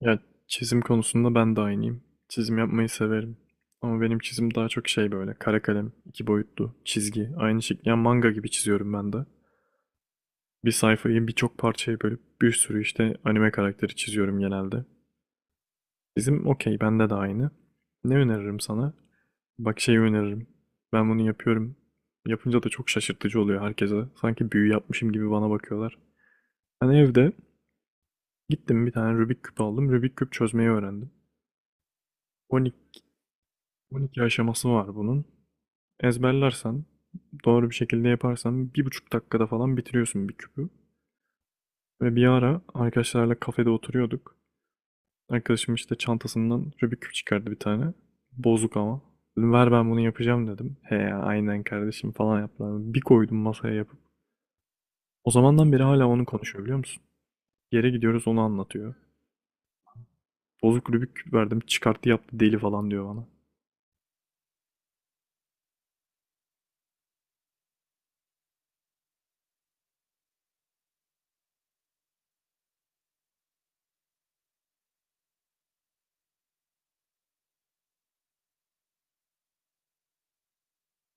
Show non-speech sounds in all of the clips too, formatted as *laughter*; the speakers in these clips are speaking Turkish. Ya çizim konusunda ben de aynıyım. Çizim yapmayı severim. Ama benim çizim daha çok şey böyle kara kalem, 2 boyutlu, çizgi, aynı şekilde yani manga gibi çiziyorum ben de. Bir sayfayı birçok parçaya bölüp bir sürü işte anime karakteri çiziyorum genelde. Çizim okey, bende de aynı. Ne öneririm sana? Bak şeyi öneririm. Ben bunu yapıyorum. Yapınca da çok şaşırtıcı oluyor herkese. Sanki büyü yapmışım gibi bana bakıyorlar. Ben evde gittim, bir tane Rubik küp aldım. Rubik küp çözmeyi öğrendim. 12 12 aşaması var bunun. Ezberlersen, doğru bir şekilde yaparsan 1,5 dakikada falan bitiriyorsun bir küpü. Ve bir ara arkadaşlarla kafede oturuyorduk. Arkadaşım işte çantasından Rubik küp çıkardı bir tane. Bozuk ama. Dedim, ver ben bunu yapacağım dedim. He ya, aynen kardeşim falan yaptılar. Bir koydum masaya yapıp. O zamandan beri hala onu konuşuyor, biliyor musun? Yere gidiyoruz, onu anlatıyor. Bozuk Rubik küp verdim, çıkarttı yaptı, deli falan diyor bana.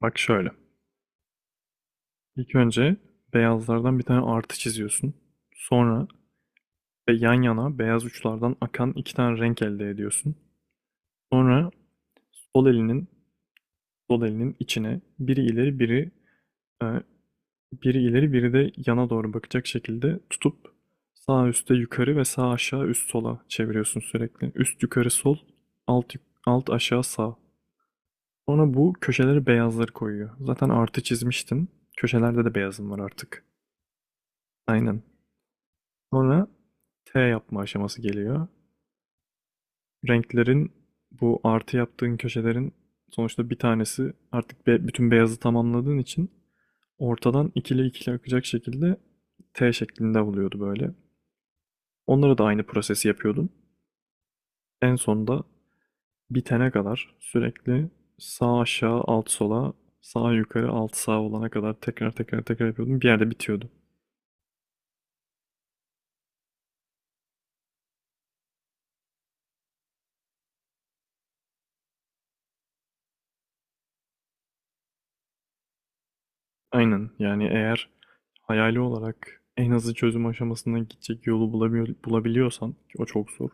Bak şöyle. İlk önce beyazlardan bir tane artı çiziyorsun. Sonra ve yan yana beyaz uçlardan akan iki tane renk elde ediyorsun. Sonra sol elinin sol elinin içine e, Biri ileri biri de yana doğru bakacak şekilde tutup sağ üste yukarı ve sağ aşağı üst sola çeviriyorsun sürekli. Üst yukarı sol, alt, alt aşağı sağ. Sonra bu köşeleri beyazları koyuyor. Zaten artı çizmiştin. Köşelerde de beyazım var artık. Aynen. Sonra T yapma aşaması geliyor. Renklerin, bu artı yaptığın köşelerin sonuçta bir tanesi artık, bütün beyazı tamamladığın için ortadan ikili ikili akacak şekilde T şeklinde oluyordu böyle. Onlara da aynı prosesi yapıyordum. En sonunda bitene kadar sürekli sağ aşağı alt sola, sağ yukarı alt sağ olana kadar tekrar tekrar tekrar yapıyordum. Bir yerde bitiyordu. Aynen, yani eğer hayali olarak en hızlı çözüm aşamasına gidecek yolu bulabiliyorsan ki o çok zor.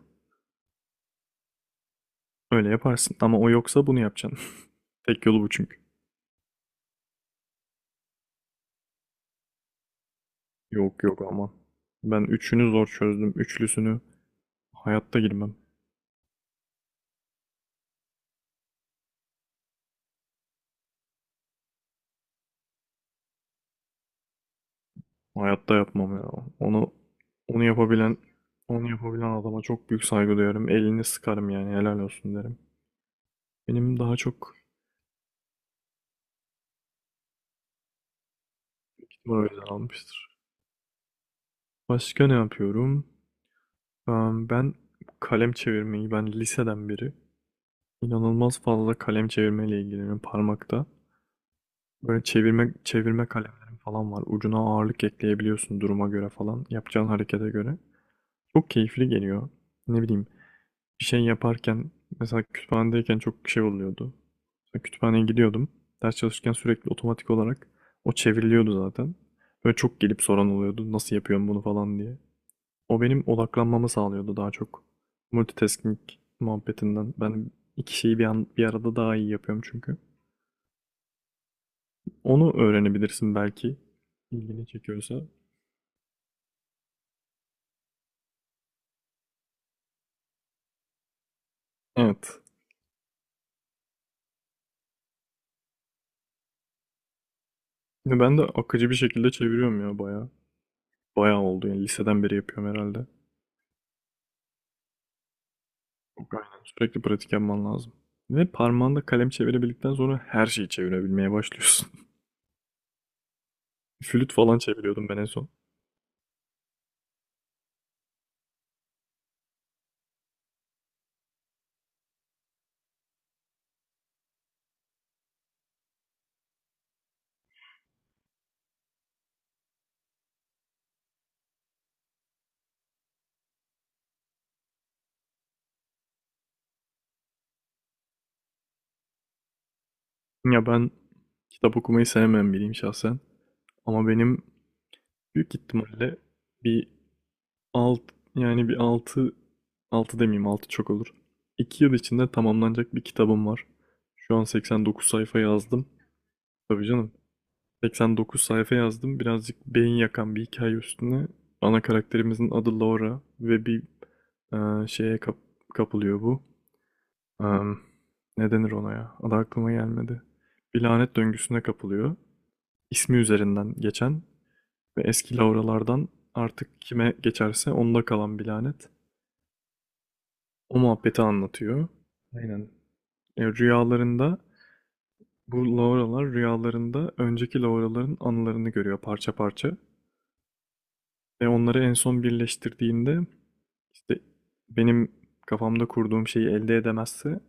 Öyle yaparsın, ama o yoksa bunu yapacaksın. *laughs* Tek yolu bu çünkü. Yok yok, aman. Ben üçünü zor çözdüm. Üçlüsünü hayatta girmem. Hayatta yapmam ya. Onu onu yapabilen onu yapabilen adama çok büyük saygı duyarım. Elini sıkarım, yani helal olsun derim. Benim daha çok gitme, o yüzden almıştır. Başka ne yapıyorum? Ben kalem çevirmeyi, ben liseden beri inanılmaz fazla kalem çevirmeyle ilgileniyorum parmakta. Böyle çevirme çevirme kalemlerim falan var. Ucuna ağırlık ekleyebiliyorsun duruma göre falan. Yapacağın harekete göre. Çok keyifli geliyor. Ne bileyim, bir şey yaparken, mesela kütüphanedeyken çok şey oluyordu. Mesela kütüphaneye gidiyordum. Ders çalışırken sürekli otomatik olarak o çevriliyordu zaten. Böyle çok gelip soran oluyordu, nasıl yapıyorum bunu falan diye. O benim odaklanmamı sağlıyordu daha çok. Multitasking muhabbetinden. Ben iki şeyi bir arada daha iyi yapıyorum çünkü. Onu öğrenebilirsin belki, ilgini çekiyorsa. Evet. Ben de akıcı bir şekilde çeviriyorum ya, bayağı. Bayağı oldu yani, liseden beri yapıyorum herhalde. Aynen. Sürekli pratik yapman lazım. Ve parmağında kalem çevirebildikten sonra her şeyi çevirebilmeye başlıyorsun. *laughs* Flüt falan çeviriyordum ben en son. Ya ben kitap okumayı sevmem biriyim şahsen. Ama benim büyük ihtimalle bir alt, yani bir altı, altı demeyeyim, altı çok olur. 2 yıl içinde tamamlanacak bir kitabım var. Şu an 89 sayfa yazdım. Tabii canım. 89 sayfa yazdım. Birazcık beyin yakan bir hikaye üstüne. Ana karakterimizin adı Laura ve bir şeye kapılıyor bu. Am, ne denir ona ya? Adı aklıma gelmedi. Bir lanet döngüsüne kapılıyor. İsmi üzerinden geçen ve eski Laura'lardan artık kime geçerse onda kalan bir lanet. O muhabbeti anlatıyor. Aynen. E, rüyalarında bu Laura'lar rüyalarında önceki Laura'ların anılarını görüyor parça parça. Ve onları en son birleştirdiğinde, işte benim kafamda kurduğum şeyi elde edemezse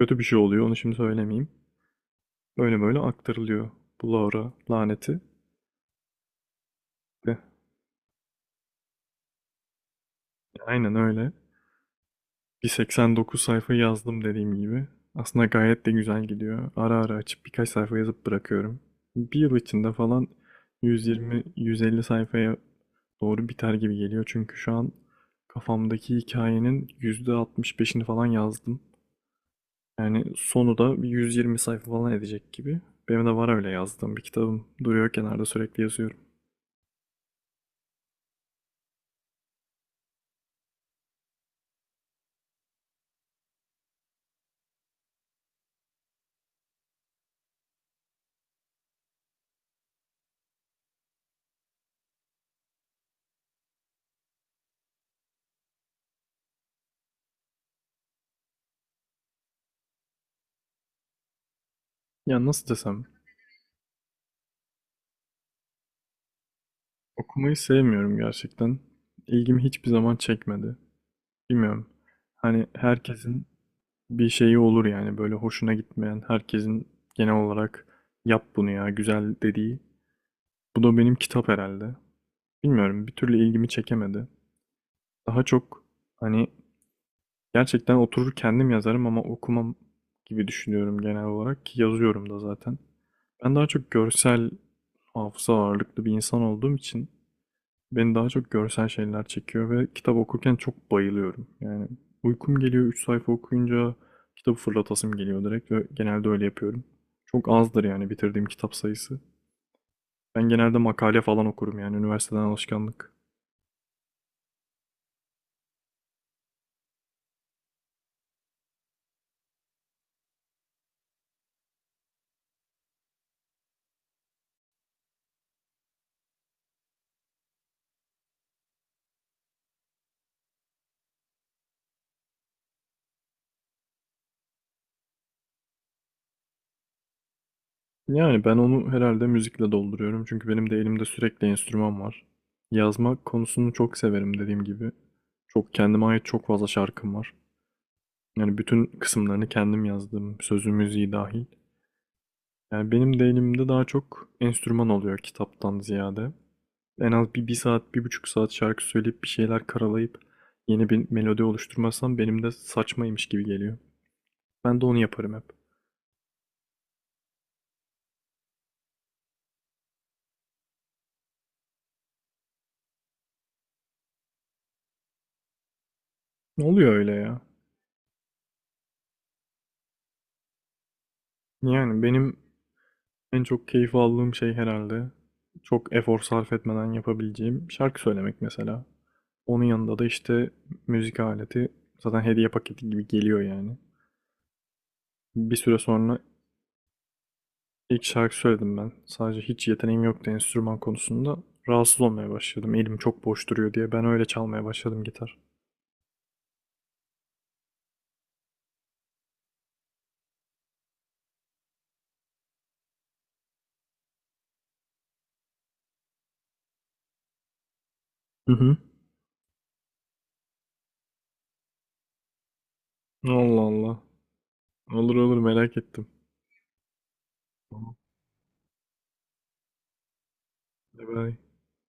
kötü bir şey oluyor. Onu şimdi söylemeyeyim. Böyle böyle aktarılıyor bu Laura laneti. Ve aynen öyle. Bir 89 sayfa yazdım dediğim gibi. Aslında gayet de güzel gidiyor. Ara ara açıp birkaç sayfa yazıp bırakıyorum. 1 yıl içinde falan 120-150 sayfaya doğru biter gibi geliyor. Çünkü şu an kafamdaki hikayenin %65'ini falan yazdım. Yani sonu da bir 120 sayfa falan edecek gibi. Benim de var öyle yazdığım bir kitabım. Duruyor kenarda, sürekli yazıyorum. Ya nasıl desem, okumayı sevmiyorum gerçekten. İlgimi hiçbir zaman çekmedi. Bilmiyorum. Hani herkesin bir şeyi olur yani, böyle hoşuna gitmeyen, herkesin genel olarak yap bunu ya güzel dediği. Bu da benim kitap herhalde. Bilmiyorum, bir türlü ilgimi çekemedi. Daha çok hani, gerçekten oturur kendim yazarım ama okumam gibi düşünüyorum genel olarak ki yazıyorum da zaten. Ben daha çok görsel hafıza ağırlıklı bir insan olduğum için beni daha çok görsel şeyler çekiyor ve kitap okurken çok bayılıyorum. Yani uykum geliyor, 3 sayfa okuyunca kitabı fırlatasım geliyor direkt ve genelde öyle yapıyorum. Çok azdır yani bitirdiğim kitap sayısı. Ben genelde makale falan okurum, yani üniversiteden alışkanlık. Yani ben onu herhalde müzikle dolduruyorum. Çünkü benim de elimde sürekli enstrüman var. Yazma konusunu çok severim dediğim gibi. Çok kendime ait çok fazla şarkım var. Yani bütün kısımlarını kendim yazdım. Sözü müziği dahil. Yani benim de elimde daha çok enstrüman oluyor kitaptan ziyade. En az 1 saat, 1,5 saat şarkı söyleyip bir şeyler karalayıp yeni bir melodi oluşturmazsam benim de saçmaymış gibi geliyor. Ben de onu yaparım hep. Ne oluyor öyle ya? Yani benim en çok keyif aldığım şey herhalde çok efor sarf etmeden yapabileceğim şarkı söylemek mesela. Onun yanında da işte müzik aleti zaten hediye paketi gibi geliyor yani. Bir süre sonra ilk şarkı söyledim ben. Sadece hiç yeteneğim yoktu enstrüman konusunda. Rahatsız olmaya başladım. Elim çok boş duruyor diye ben öyle çalmaya başladım gitar. Hı hı. Allah Allah. Olur olur, merak ettim. Tamam. Bye bye.